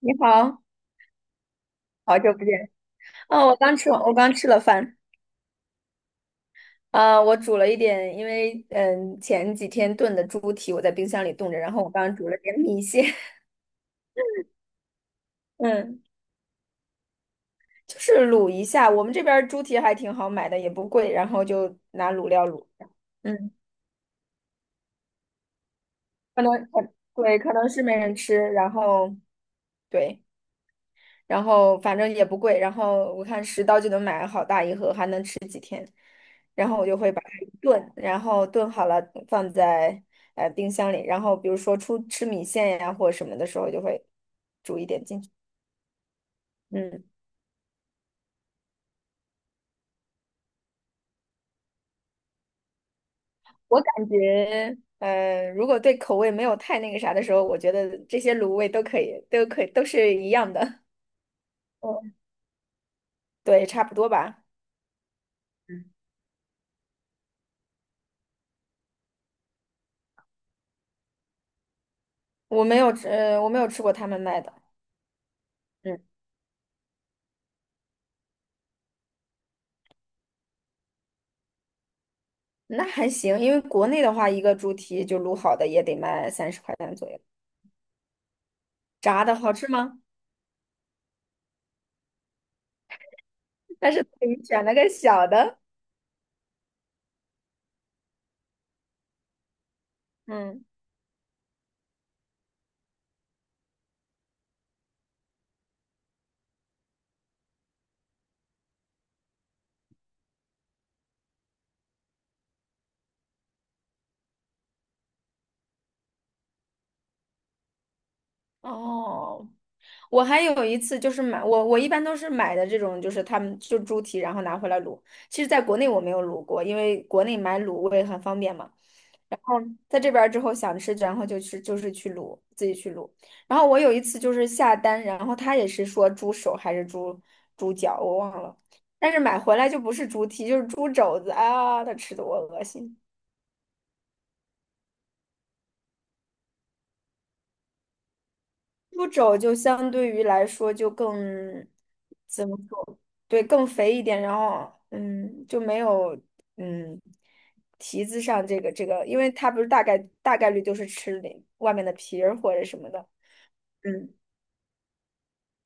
你好，好久不见。哦，我刚吃完，我刚吃了饭。啊、我煮了一点，因为前几天炖的猪蹄我在冰箱里冻着，然后我刚煮了点米线，嗯，就是卤一下。我们这边儿猪蹄还挺好买的，也不贵，然后就拿卤料卤一下。嗯，可能可对，可能是没人吃，然后对，然后反正也不贵，然后我看10刀就能买好大一盒，还能吃几天。然后我就会把它炖，然后炖好了放在冰箱里，然后比如说出吃米线呀或者什么的时候，就会煮一点进去。嗯，我感觉如果对口味没有太那个啥的时候，我觉得这些卤味都可以，都可以，都是一样的。嗯，对，差不多吧。嗯，我没有吃，我没有吃过他们卖的。嗯，那还行，因为国内的话，一个猪蹄就卤好的也得卖30块钱左右。炸的好吃吗？但是你选了个小的。嗯，哦，我还有一次就是买，我一般都是买的这种，就是他们就猪蹄，然后拿回来卤。其实，在国内我没有卤过，因为国内买卤味很方便嘛。在这边儿之后想吃，然后就去就是去卤，自己去卤。然后我有一次就是下单，然后他也是说猪手还是猪脚，我忘了，但是买回来就不是猪蹄，就是猪肘子啊，他吃的我恶心。猪肘就相对于来说就更怎么说？对，更肥一点，然后就没有嗯蹄子上这个，因为它不是大概率都是吃里外面的皮儿或者什么的。嗯，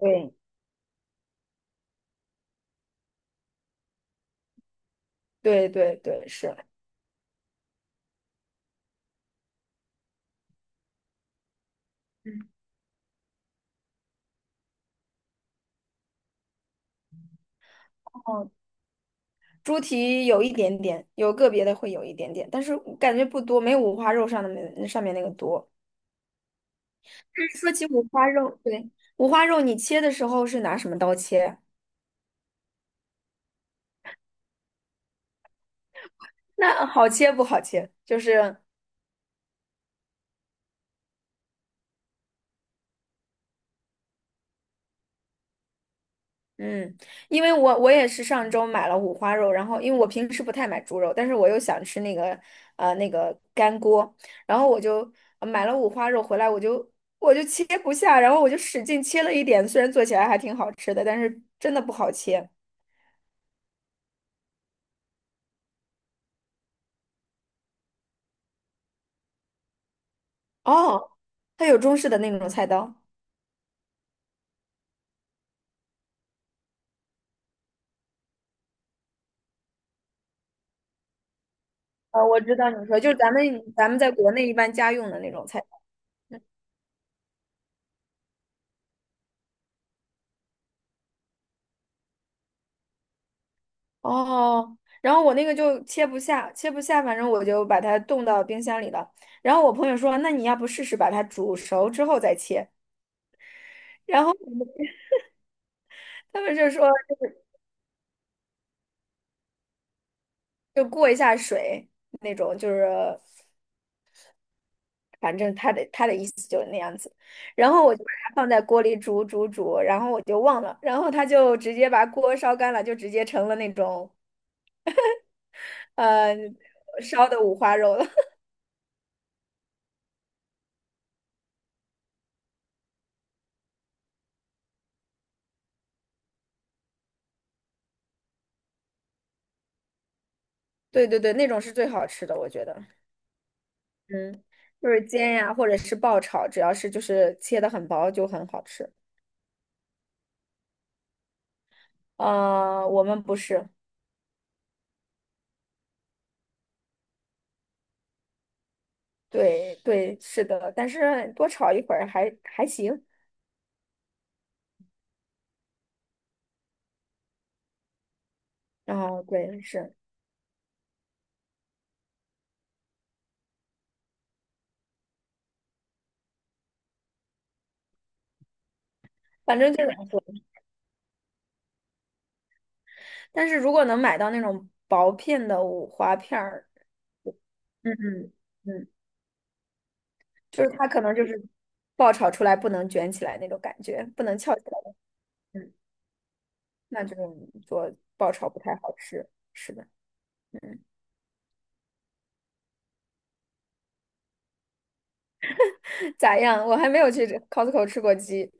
对对对对，是。嗯，哦，猪蹄有一点点，有个别的会有一点点，但是我感觉不多，没有五花肉上的那上面那个多。但是说起五花肉，对，五花肉你切的时候是拿什么刀切啊？那好切不好切，就是嗯，因为我也是上周买了五花肉，然后因为我平时不太买猪肉，但是我又想吃那个那个干锅，然后我就买了五花肉回来，我就切不下，然后我就使劲切了一点，虽然做起来还挺好吃的，但是真的不好切。哦，它有中式的那种菜刀，我知道你说就是咱们在国内一般家用的那种菜。哦，然后我那个就切不下，切不下，反正我就把它冻到冰箱里了。然后我朋友说，那你要不试试把它煮熟之后再切？他们就说就过一下水那种，就是反正他的意思就是那样子。然后我就把它放在锅里煮煮煮，然后我就忘了，然后他就直接把锅烧干了，就直接成了那种呃烧的五花肉了。对对对，那种是最好吃的，我觉得。嗯，就是煎呀，或者是爆炒，只要是就是切的很薄就很好吃。我们不是，对对，是的，但是多炒一会儿还行。然后对，是，反正就两种但是如果能买到那种薄片的五花片儿，嗯嗯嗯，就是它可能就是爆炒出来不能卷起来那种感觉，不能翘起来，嗯，那这种做爆炒不太好吃。是的，嗯，咋样？我还没有去 Costco 吃过鸡。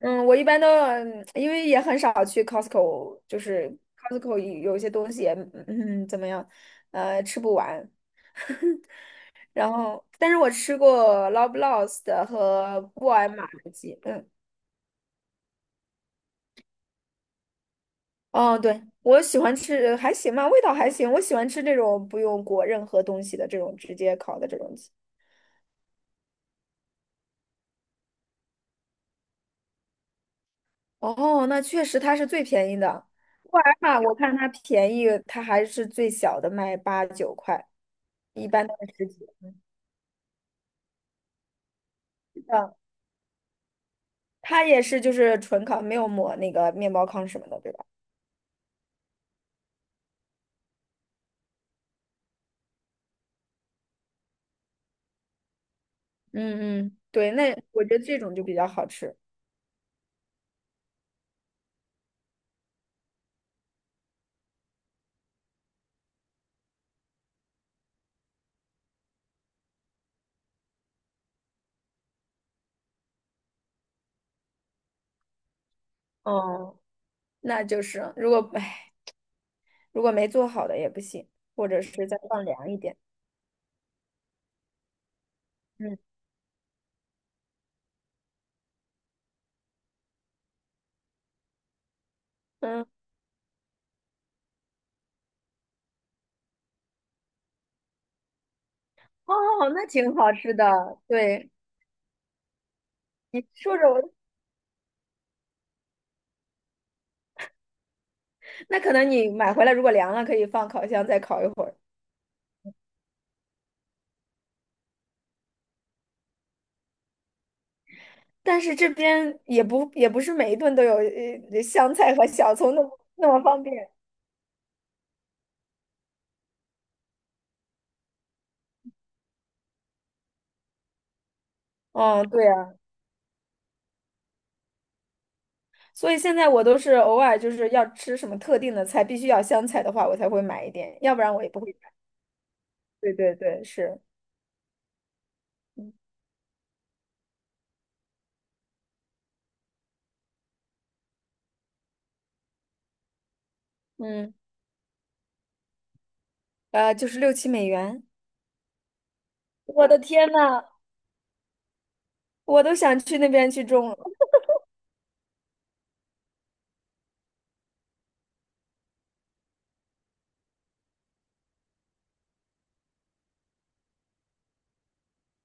嗯，我一般都，因为也很少去 Costco,就是 Costco 有一些东西也，怎么样，吃不完。然后，但是我吃过 Lovelows 的和沃尔玛的鸡，嗯，哦，对，我喜欢吃，还行吧，味道还行。我喜欢吃这种不用裹任何东西的这种直接烤的这种鸡。哦，那确实它是最便宜的。沃尔玛我看它便宜，它还是最小的卖8、9块，一般都是十几。它也是就是纯烤，没有抹那个面包糠什么的，对吧？嗯嗯，对，那我觉得这种就比较好吃。哦，那就是如果唉，如果没做好的也不行，或者是再放凉一点。嗯，嗯，哦，那挺好吃的。对，你说着我，那可能你买回来如果凉了，可以放烤箱再烤一会儿。但是这边也不是每一顿都有香菜和小葱那么方便。嗯，对啊。所以现在我都是偶尔就是要吃什么特定的菜，必须要香菜的话，我才会买一点，要不然我也不会买。对对对，是，嗯，就是6、7美元。我的天呐，我都想去那边去种了。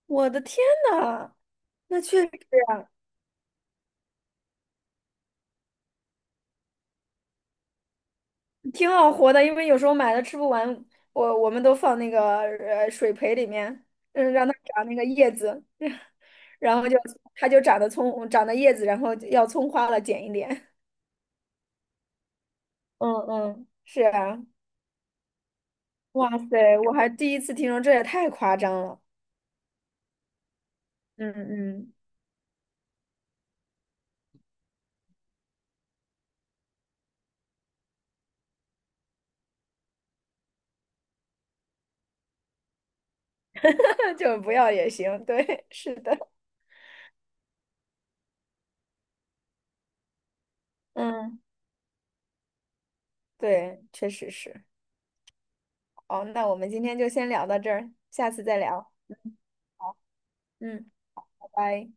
我的天呐，那确实啊挺好活的，因为有时候买了吃不完，我们都放那个水培里面，让它长那个叶子，然后它就长得葱，长得叶子，然后要葱花了，剪一点。嗯嗯，是啊。哇塞，我还第一次听说，这也太夸张了。嗯嗯，就不要也行。对，是的，嗯，对，确实是。哦，那我们今天就先聊到这儿，下次再聊。嗯，拜拜。